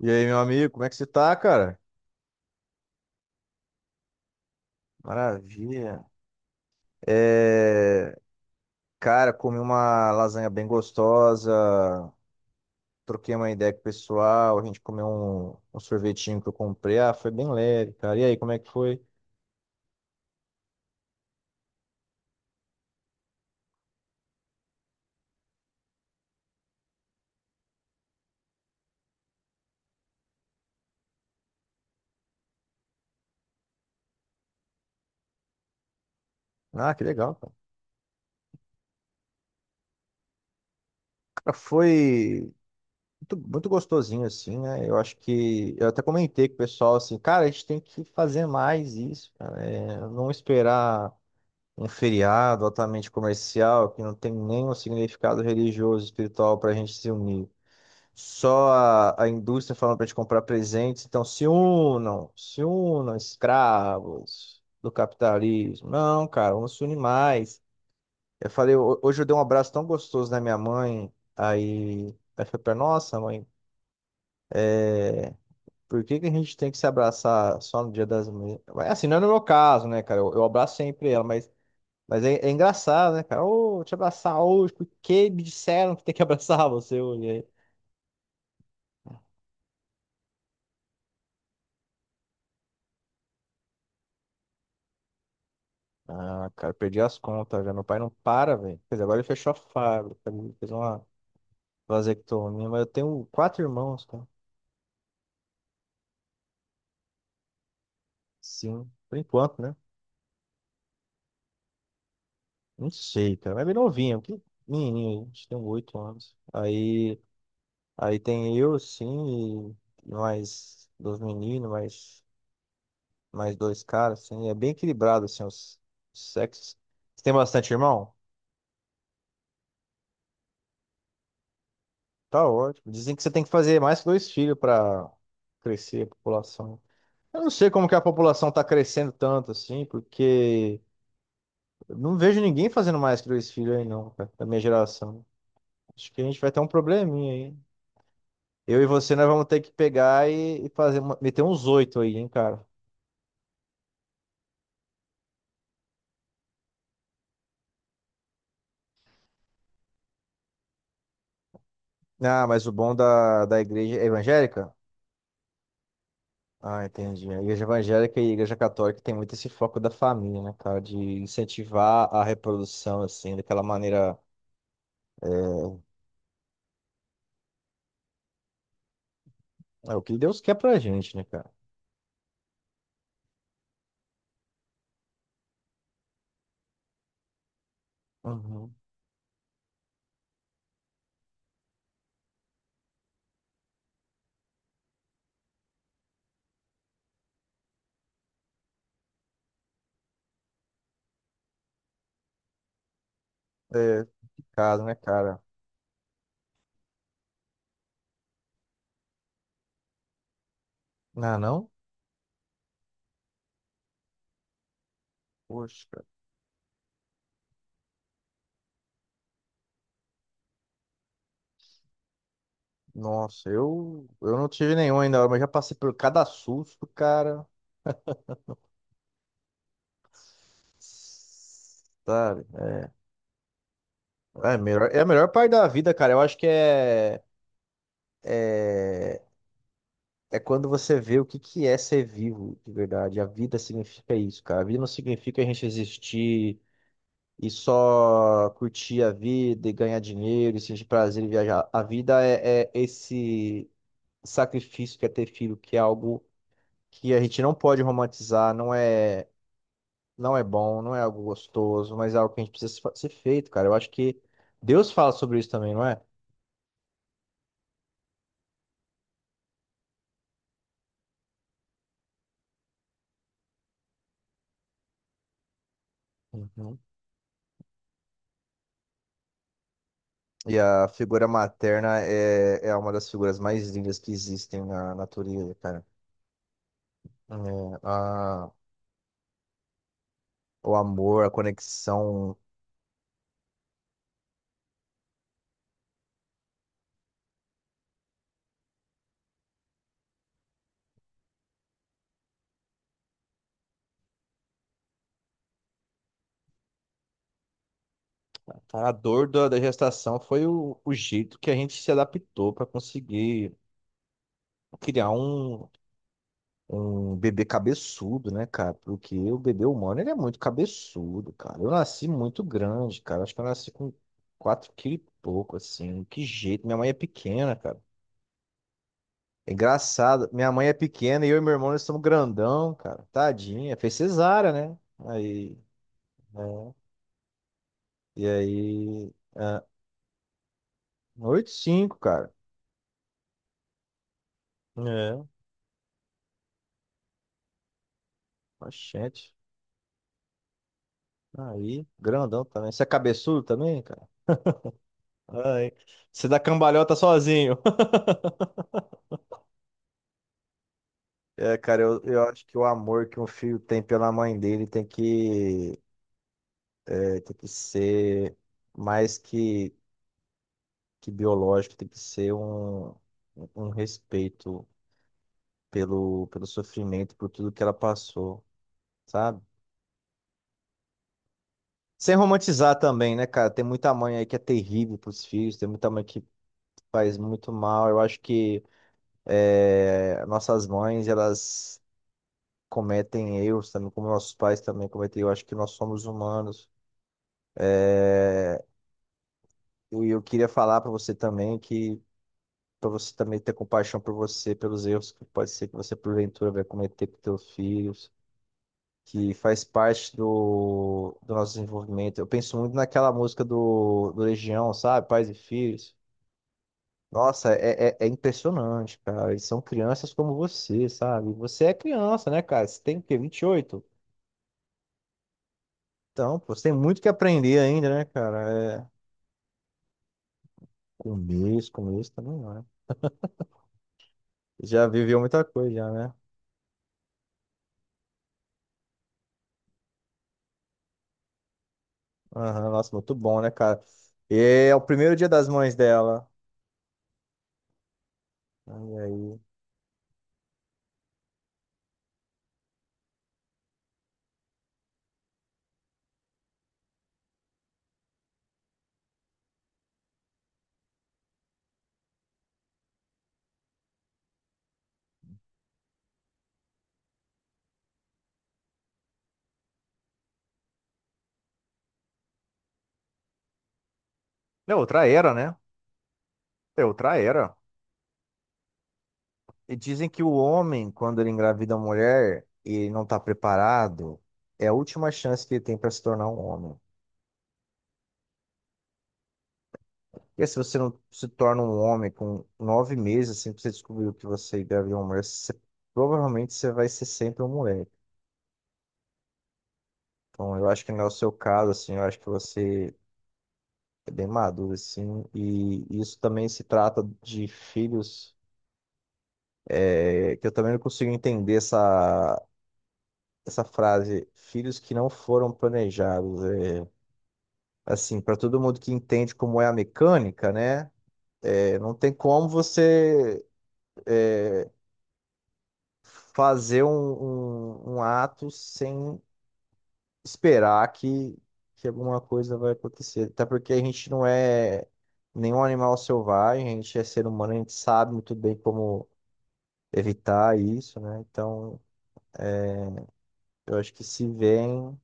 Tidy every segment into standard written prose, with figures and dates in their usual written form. E aí, meu amigo, como é que você tá, cara? Maravilha. É, Cara, comi uma lasanha bem gostosa, troquei uma ideia com o pessoal, a gente comeu um sorvetinho que eu comprei. Ah, foi bem leve, cara. E aí, como é que foi? Ah, que legal, cara. Cara, foi muito, muito gostosinho, assim, né? Eu acho que eu até comentei com o pessoal, assim, cara, a gente tem que fazer mais isso, cara. É, não esperar um feriado altamente comercial que não tem nenhum significado religioso, espiritual para a gente se unir. Só a indústria falando para a gente comprar presentes, então se unam, se unam, escravos do capitalismo. Não, cara, vamos se unir mais. Eu falei, hoje eu dei um abraço tão gostoso na minha mãe, aí ela falou pra nossa mãe, é, por que que a gente tem que se abraçar só no Dia das Mães? Mas, assim, não é no meu caso, né, cara? Eu abraço sempre ela, mas é engraçado, né, cara? Ô, te abraçar hoje, porque me disseram que tem que abraçar você hoje. Aí, ah, cara, perdi as contas já. Meu pai não para, velho. Quer dizer, agora ele fechou a fábrica, ele fez uma vasectomia, mas eu tenho quatro irmãos, cara. Sim, por enquanto, né? Não sei, cara. Mas é bem novinho, que menininho, a gente tem 8 anos. Aí, tem eu, sim, e mais dois meninos, mais dois caras, assim. É bem equilibrado, assim, os sexos. Você tem bastante irmão? Tá ótimo. Dizem que você tem que fazer mais que dois filhos para crescer a população. Eu não sei como que a população tá crescendo tanto assim, porque eu não vejo ninguém fazendo mais que dois filhos aí não, cara, da minha geração. Acho que a gente vai ter um probleminha aí. Eu e você, nós vamos ter que pegar e fazer, meter uns oito aí, hein, cara. Ah, mas o bom da igreja é evangélica? Ah, entendi. A igreja evangélica e a igreja católica tem muito esse foco da família, né, cara? De incentivar a reprodução, assim, daquela maneira. é, É o que Deus quer pra gente, né, cara? Uhum. É complicado, né, cara? Ah, não? Poxa, cara. Nossa, eu não tive nenhum ainda, mas já passei por cada susto, cara. Sabe? É a melhor parte da vida, cara. Eu acho que é, é quando você vê o que que é ser vivo de verdade. A vida significa isso, cara. A vida não significa a gente existir e só curtir a vida e ganhar dinheiro e sentir prazer em viajar. A vida é esse sacrifício que é ter filho, que é algo que a gente não pode romantizar, não é, não é bom, não é algo gostoso, mas é algo que a gente precisa se fa- ser feito, cara. Eu acho que Deus fala sobre isso também, não é? Uhum. E a figura materna é uma das figuras mais lindas que existem na natureza, cara. É, o amor, a conexão. Cara, a dor da gestação foi o jeito que a gente se adaptou para conseguir criar um bebê cabeçudo, né, cara? Porque o bebê humano, ele é muito cabeçudo, cara. Eu nasci muito grande, cara. Acho que eu nasci com 4 quilos e pouco, assim. Que jeito. Minha mãe é pequena, cara. É engraçado. Minha mãe é pequena e eu e meu irmão, nós somos grandão, cara. Tadinha. Fez cesárea, né? Aí, né? E aí, ah, oito e cinco, cara. É, bastante. Aí, grandão também. Você é cabeçudo também, cara? Ai, você dá cambalhota sozinho. É, cara, eu acho que o amor que um filho tem pela mãe dele tem que ser mais que biológico, tem que ser um respeito pelo sofrimento, por tudo que ela passou, sabe? Sem romantizar também, né, cara? Tem muita mãe aí que é terrível pros filhos, tem muita mãe que faz muito mal. Eu acho que nossas mães, elas cometem erros também, como nossos pais também cometem. Eu acho que nós somos humanos. E eu queria falar para você também que para você também ter compaixão por você, pelos erros que pode ser que você porventura vai cometer com teus filhos, que faz parte do nosso desenvolvimento. Eu penso muito naquela música do Legião, sabe? Pais e Filhos. Nossa, é impressionante, cara. Eles são crianças como você, sabe? Você é criança, né, cara? Você tem o quê? 28? Então, pô, você tem muito que aprender ainda, né, cara? É, começo, começo também, né? Já viveu muita coisa, já, né? Aham, nossa, muito bom, né, cara? E é o primeiro Dia das Mães dela. E aí? É outra era, né? É outra era. E dizem que o homem, quando ele engravida a mulher e ele não tá preparado, é a última chance que ele tem para se tornar um homem. E se você não se torna um homem com 9 meses, assim que você descobriu que você engravidou uma mulher, provavelmente você vai ser sempre um moleque. Então, eu acho que não é o seu caso, assim, eu acho que você é bem maduro, assim. E isso também se trata de filhos, que eu também não consigo entender essa frase, filhos que não foram planejados. É, assim, para todo mundo que entende como é a mecânica, né? É, não tem como você fazer um ato sem esperar que alguma coisa vai acontecer. Até porque a gente não é nenhum animal selvagem, a gente é ser humano, a gente sabe muito bem como evitar isso, né? Então, eu acho que se vem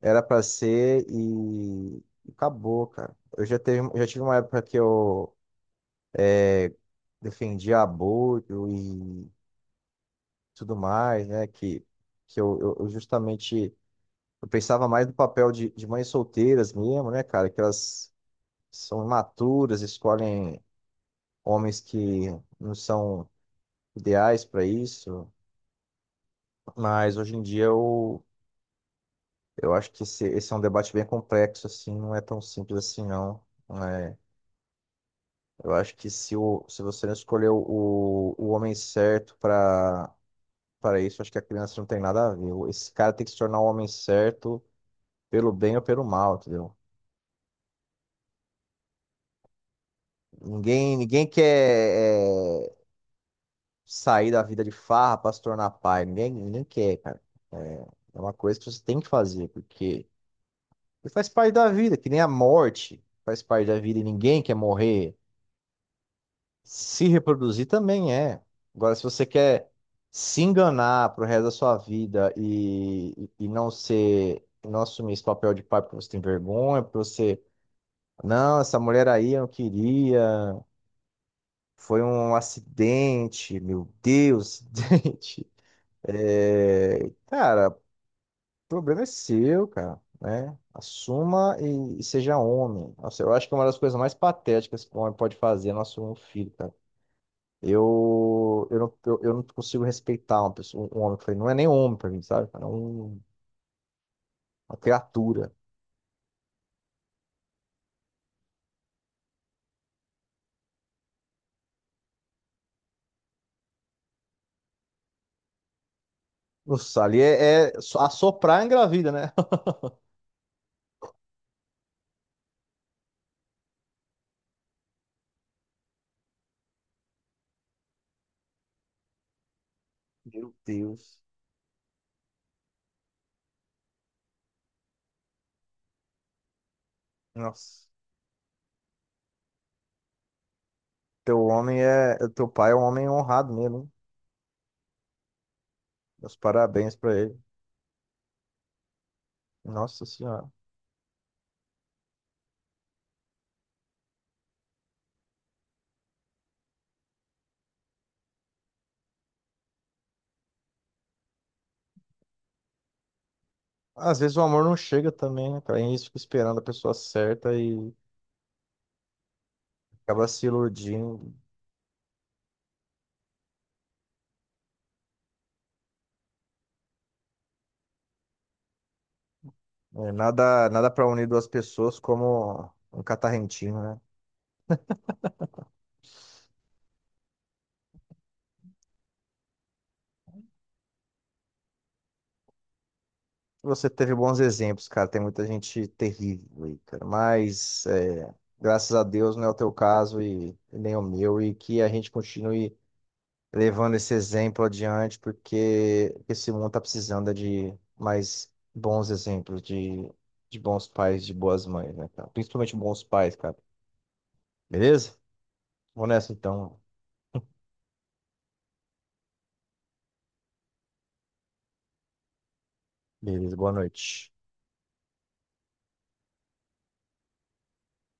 era pra ser e acabou, cara. Eu já tive uma época que eu defendia aborto e tudo mais, né? Que eu justamente eu pensava mais no papel de mães solteiras mesmo, né, cara? Que elas são imaturas, escolhem homens que não são ideais pra isso. Mas hoje em dia eu acho que esse é um debate bem complexo, assim, não é tão simples assim, não. Não é. Eu acho que se você não escolheu o homem certo para isso, acho que a criança não tem nada a ver. Esse cara tem que se tornar o homem certo pelo bem ou pelo mal, entendeu? Ninguém, ninguém quer sair da vida de farra para se tornar pai. Ninguém, ninguém quer, cara. É, é uma coisa que você tem que fazer, porque faz parte da vida, que nem a morte faz parte da vida e ninguém quer morrer. Se reproduzir também é. Agora, se você quer se enganar pro resto da sua vida e não ser, não assumir esse papel de pai porque você tem vergonha, porque você, não, essa mulher aí eu não queria, foi um acidente, meu Deus, acidente. É, cara, o problema é seu, cara, né? Assuma e seja homem. Nossa, eu acho que é uma das coisas mais patéticas que um homem pode fazer é não assumir um filho, cara. Eu, não, eu não consigo respeitar uma pessoa, um homem. Eu falei, não é nem homem pra mim, sabe? Cara? É uma criatura. Nossa, ali é só assoprar engravida, né? Meu Deus. Nossa. Teu homem é. Teu pai é um homem honrado mesmo. Hein? Meus parabéns pra ele. Nossa Senhora. Às vezes o amor não chega também, né, cara? A gente fica esperando a pessoa certa e acaba se iludindo. É, nada, nada para unir duas pessoas como um catarrentinho, né? Você teve bons exemplos, cara. Tem muita gente terrível aí, cara. Mas é, graças a Deus não é o teu caso e nem o meu. E que a gente continue levando esse exemplo adiante, porque esse mundo tá precisando é de mais bons exemplos, de bons pais, de boas mães, né, cara? Principalmente bons pais, cara. Beleza? Vou nessa então. Beleza, boa noite.